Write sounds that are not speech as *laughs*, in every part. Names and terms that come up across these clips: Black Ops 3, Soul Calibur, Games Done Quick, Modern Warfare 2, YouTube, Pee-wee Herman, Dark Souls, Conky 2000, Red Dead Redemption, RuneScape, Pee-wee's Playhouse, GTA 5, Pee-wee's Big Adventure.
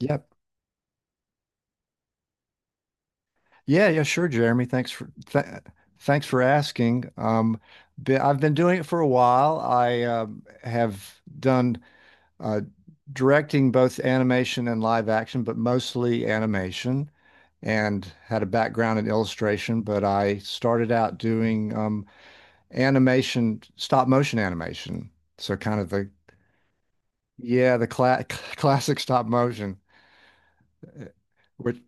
Yep. Yeah, yeah, sure, Jeremy. Thanks for asking. I've been doing it for a while. I have done uh, directing both animation and live action, but mostly animation, and had a background in illustration. But I started out doing animation, stop motion animation. So kind of the, yeah, the cla *laughs* classic stop motion. Eh, which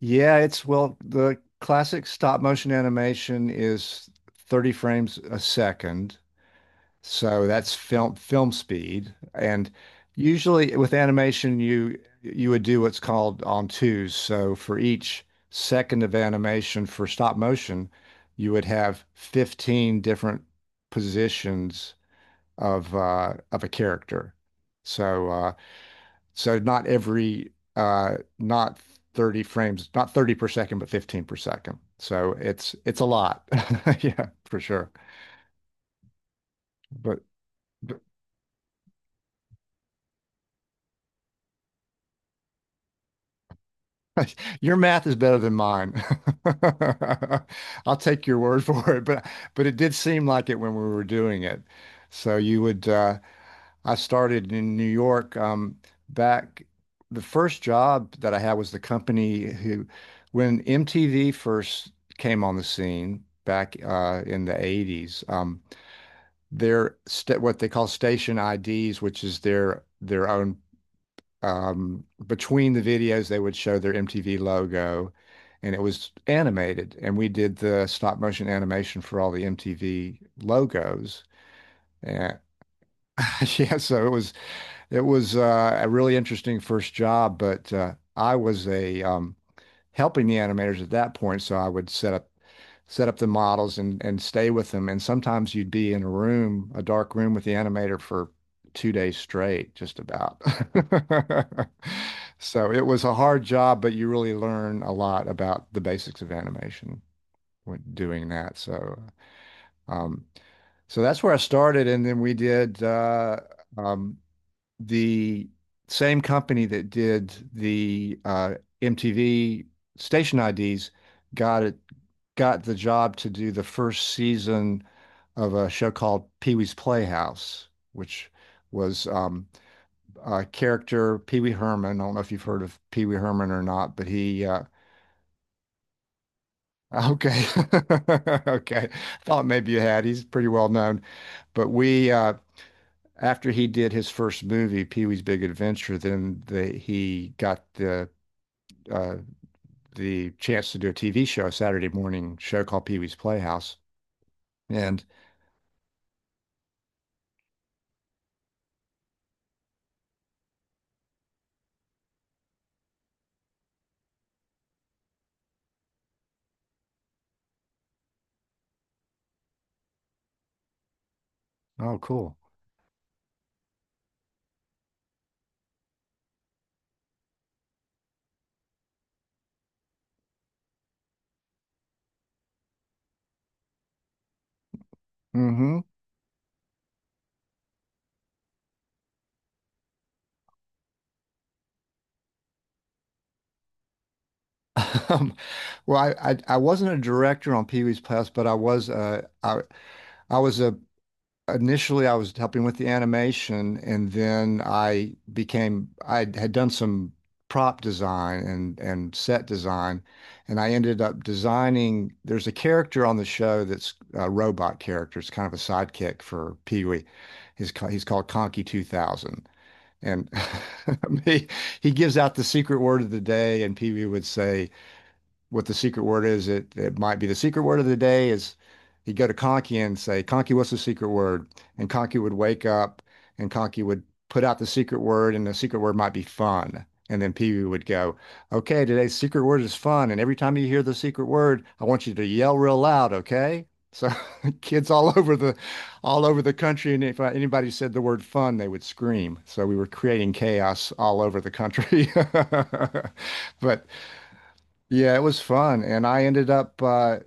Yeah, it's well, the classic stop motion animation is 30 frames a second. So that's film speed. And usually with animation you would do what's called on twos. So for each second of animation for stop motion, you would have 15 different positions of a character. So not every, not 30 frames, not 30 per second, but 15 per second. So it's a lot. *laughs* Yeah, for sure. But, but *laughs* your math is better than mine. *laughs* I'll take your word *laughs* for it, but it did seem like it when we were doing it. So you would I started in New York, back. The first job that I had was the company who, when MTV first came on the scene back, in the 80s. Their sta What they call station IDs, which is their own, between the videos, they would show their MTV logo, and it was animated, and we did the stop motion animation for all the MTV logos. And *laughs* Yeah, so it was a really interesting first job, but, I was a helping the animators at that point. So I would set up the models, and stay with them. And sometimes you'd be in a room, a dark room with the animator for 2 days straight, just about. *laughs* So it was a hard job, but you really learn a lot about the basics of animation when doing that. Um, so that's where I started, and then we did um, the same company that did the, MTV station IDs got it got the job to do the first season of a show called Pee-wee's Playhouse, which was, a character, Pee-wee Herman. I don't know if you've heard of Pee-wee Herman or not, but he okay, *laughs* okay, thought maybe you had. He's pretty well known, but we. After he did his first movie, Pee-wee's Big Adventure, then, he got uh, the chance to do a TV show, a Saturday morning show called Pee Wee's Playhouse. And Oh, cool. Mm-hmm. *laughs* Um, well, I wasn't a director on Pee Wee's Playhouse, but I was, I was a initially I was helping with the animation. And then I had done some prop design and set design, and I ended up designing. There's a character on the show that's a robot character. It's kind of a sidekick for Pee-wee. He's called Conky 2000. And *laughs* he he gives out the secret word of the day, and Pee-wee would say what the secret word is. It might be the secret word of the day is he'd go to Conky and say, "Conky, what's the secret word?" And Conky would wake up, and Conky would put out the secret word, and the secret word might be fun. And then Pee Wee would go, "Okay, today's secret word is fun. And every time you hear the secret word, I want you to yell real loud, okay?" So *laughs* kids all over the country, and if, anybody said the word fun, they would scream. So we were creating chaos all over the country. *laughs* But yeah, it was fun, and I ended up,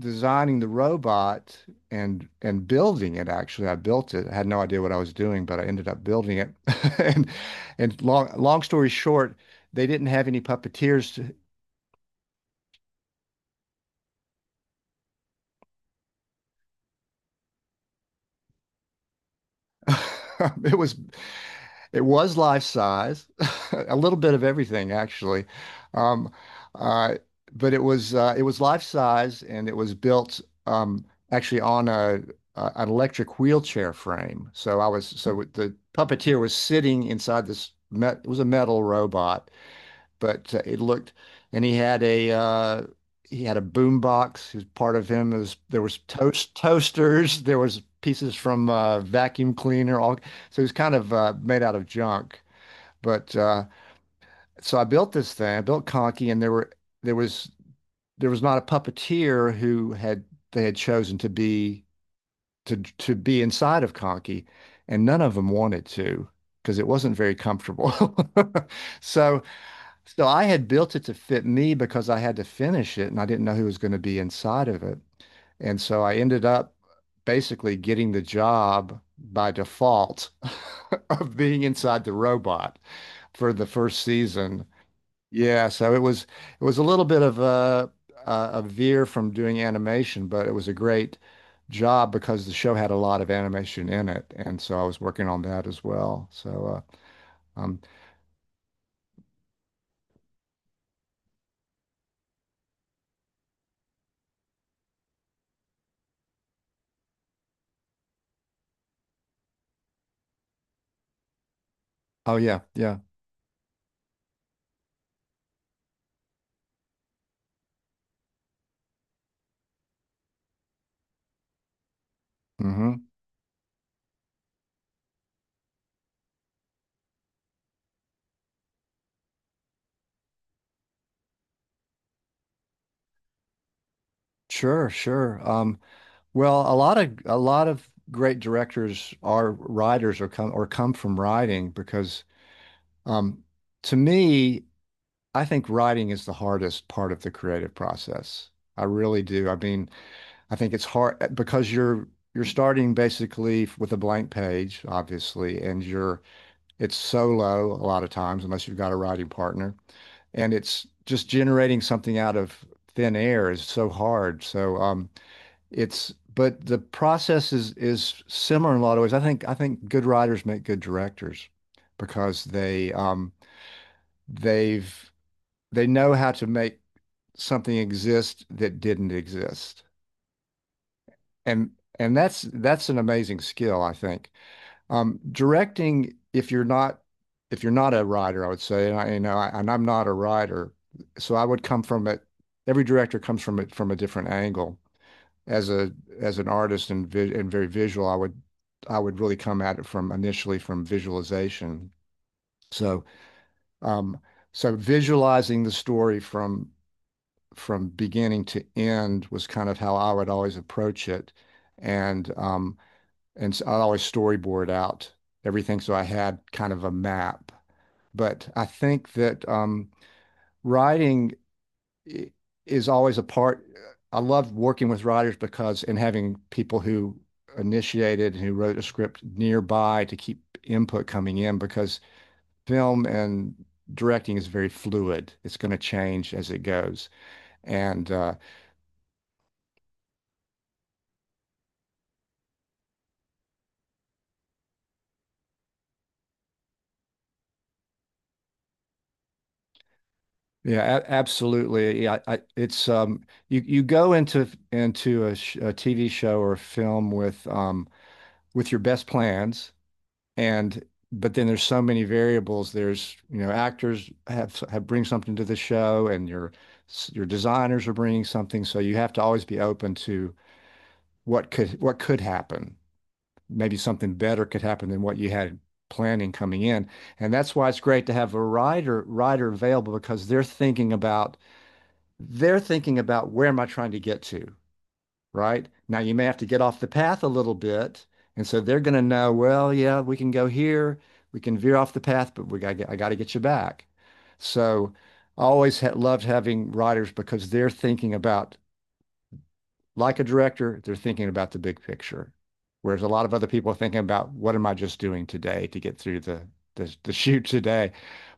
designing the robot, and building it. Actually, I built it. I had no idea what I was doing, but I ended up building it. *laughs* And and long story short, they didn't have any puppeteers. *laughs* It was It was life size, *laughs* a little bit of everything, actually. Um, uh, but it was life size, and it was built, um, actually, on a an electric wheelchair frame. So the puppeteer was sitting inside it was a metal robot. But, it looked, and he had a boom box. He, part of him. Is There was toasters. *laughs* There was pieces from, vacuum cleaner. All So it was kind of, made out of junk. But, so I built this thing. I built Conky, and there was there was not a puppeteer who had, they had chosen to be, to be inside of Conky, and none of them wanted to because it wasn't very comfortable. *laughs* So so I had built it to fit me because I had to finish it, and I didn't know who was going to be inside of it. And so I ended up basically getting the job by default, *laughs* of being inside the robot for the first season. Yeah, so it was a little bit of a veer from doing animation, but it was a great job because the show had a lot of animation in it, and so I was working on that as well. So, uh, um, oh yeah, yeah. Hmm. Sure, sure. Well, a lot of great directors are writers, or come from writing, because, um, to me, I think writing is the hardest part of the creative process. I really do. I mean, I think it's hard, because you're starting basically with a blank page, obviously, and you're it's solo a lot of times, unless you've got a writing partner, and it's just generating something out of thin air is so hard. So, it's but the process is similar in a lot of ways. I think good writers make good directors because they, they've they know how to make something exist that didn't exist. And and that's an amazing skill, I think. Directing, if you're not, a writer, I would say, and I, I, and I'm not a writer, so I would come from it. Every director comes from it from a different angle. As a as an artist and, very visual, I would really come at it from, initially, from visualization. So, um, visualizing the story from beginning to end was kind of how I would always approach it, and, so I'd always storyboard out everything, so I had kind of a map. But I think that, writing is always a part. I love working with writers because, and having people who initiated and who wrote a script nearby to keep input coming in because film and directing is very fluid. It's going to change as it goes. And, yeah, a absolutely. Yeah, I, it's you go into a TV show or a film with, with your best plans, and but then there's so many variables. There's, actors have bring something to the show, and your designers are bringing something. So you have to always be open to what could happen. Maybe something better could happen than what you had planning coming in. And that's why it's great to have a writer available because they're thinking about where am I trying to get to? Right? Now you may have to get off the path a little bit. And so they're going to know, well, yeah, we can go here, we can veer off the path, but, we got to get, I got to get you back. So I always, ha loved having writers because they're thinking about, like a director, they're thinking about the big picture. Whereas a lot of other people are thinking about what am I just doing today to get through the *laughs* shoot today.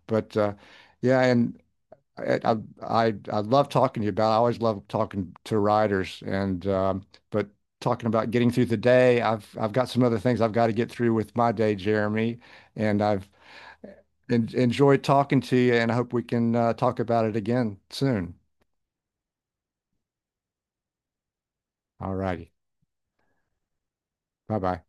But, yeah, and I, I I love talking to you about. I always love talking to riders, and, but talking about getting through the day, I've got some other things I've got to get through with my day, Jeremy, and I've, en enjoyed talking to you, and I hope we can, talk about it again soon. All righty, bye bye.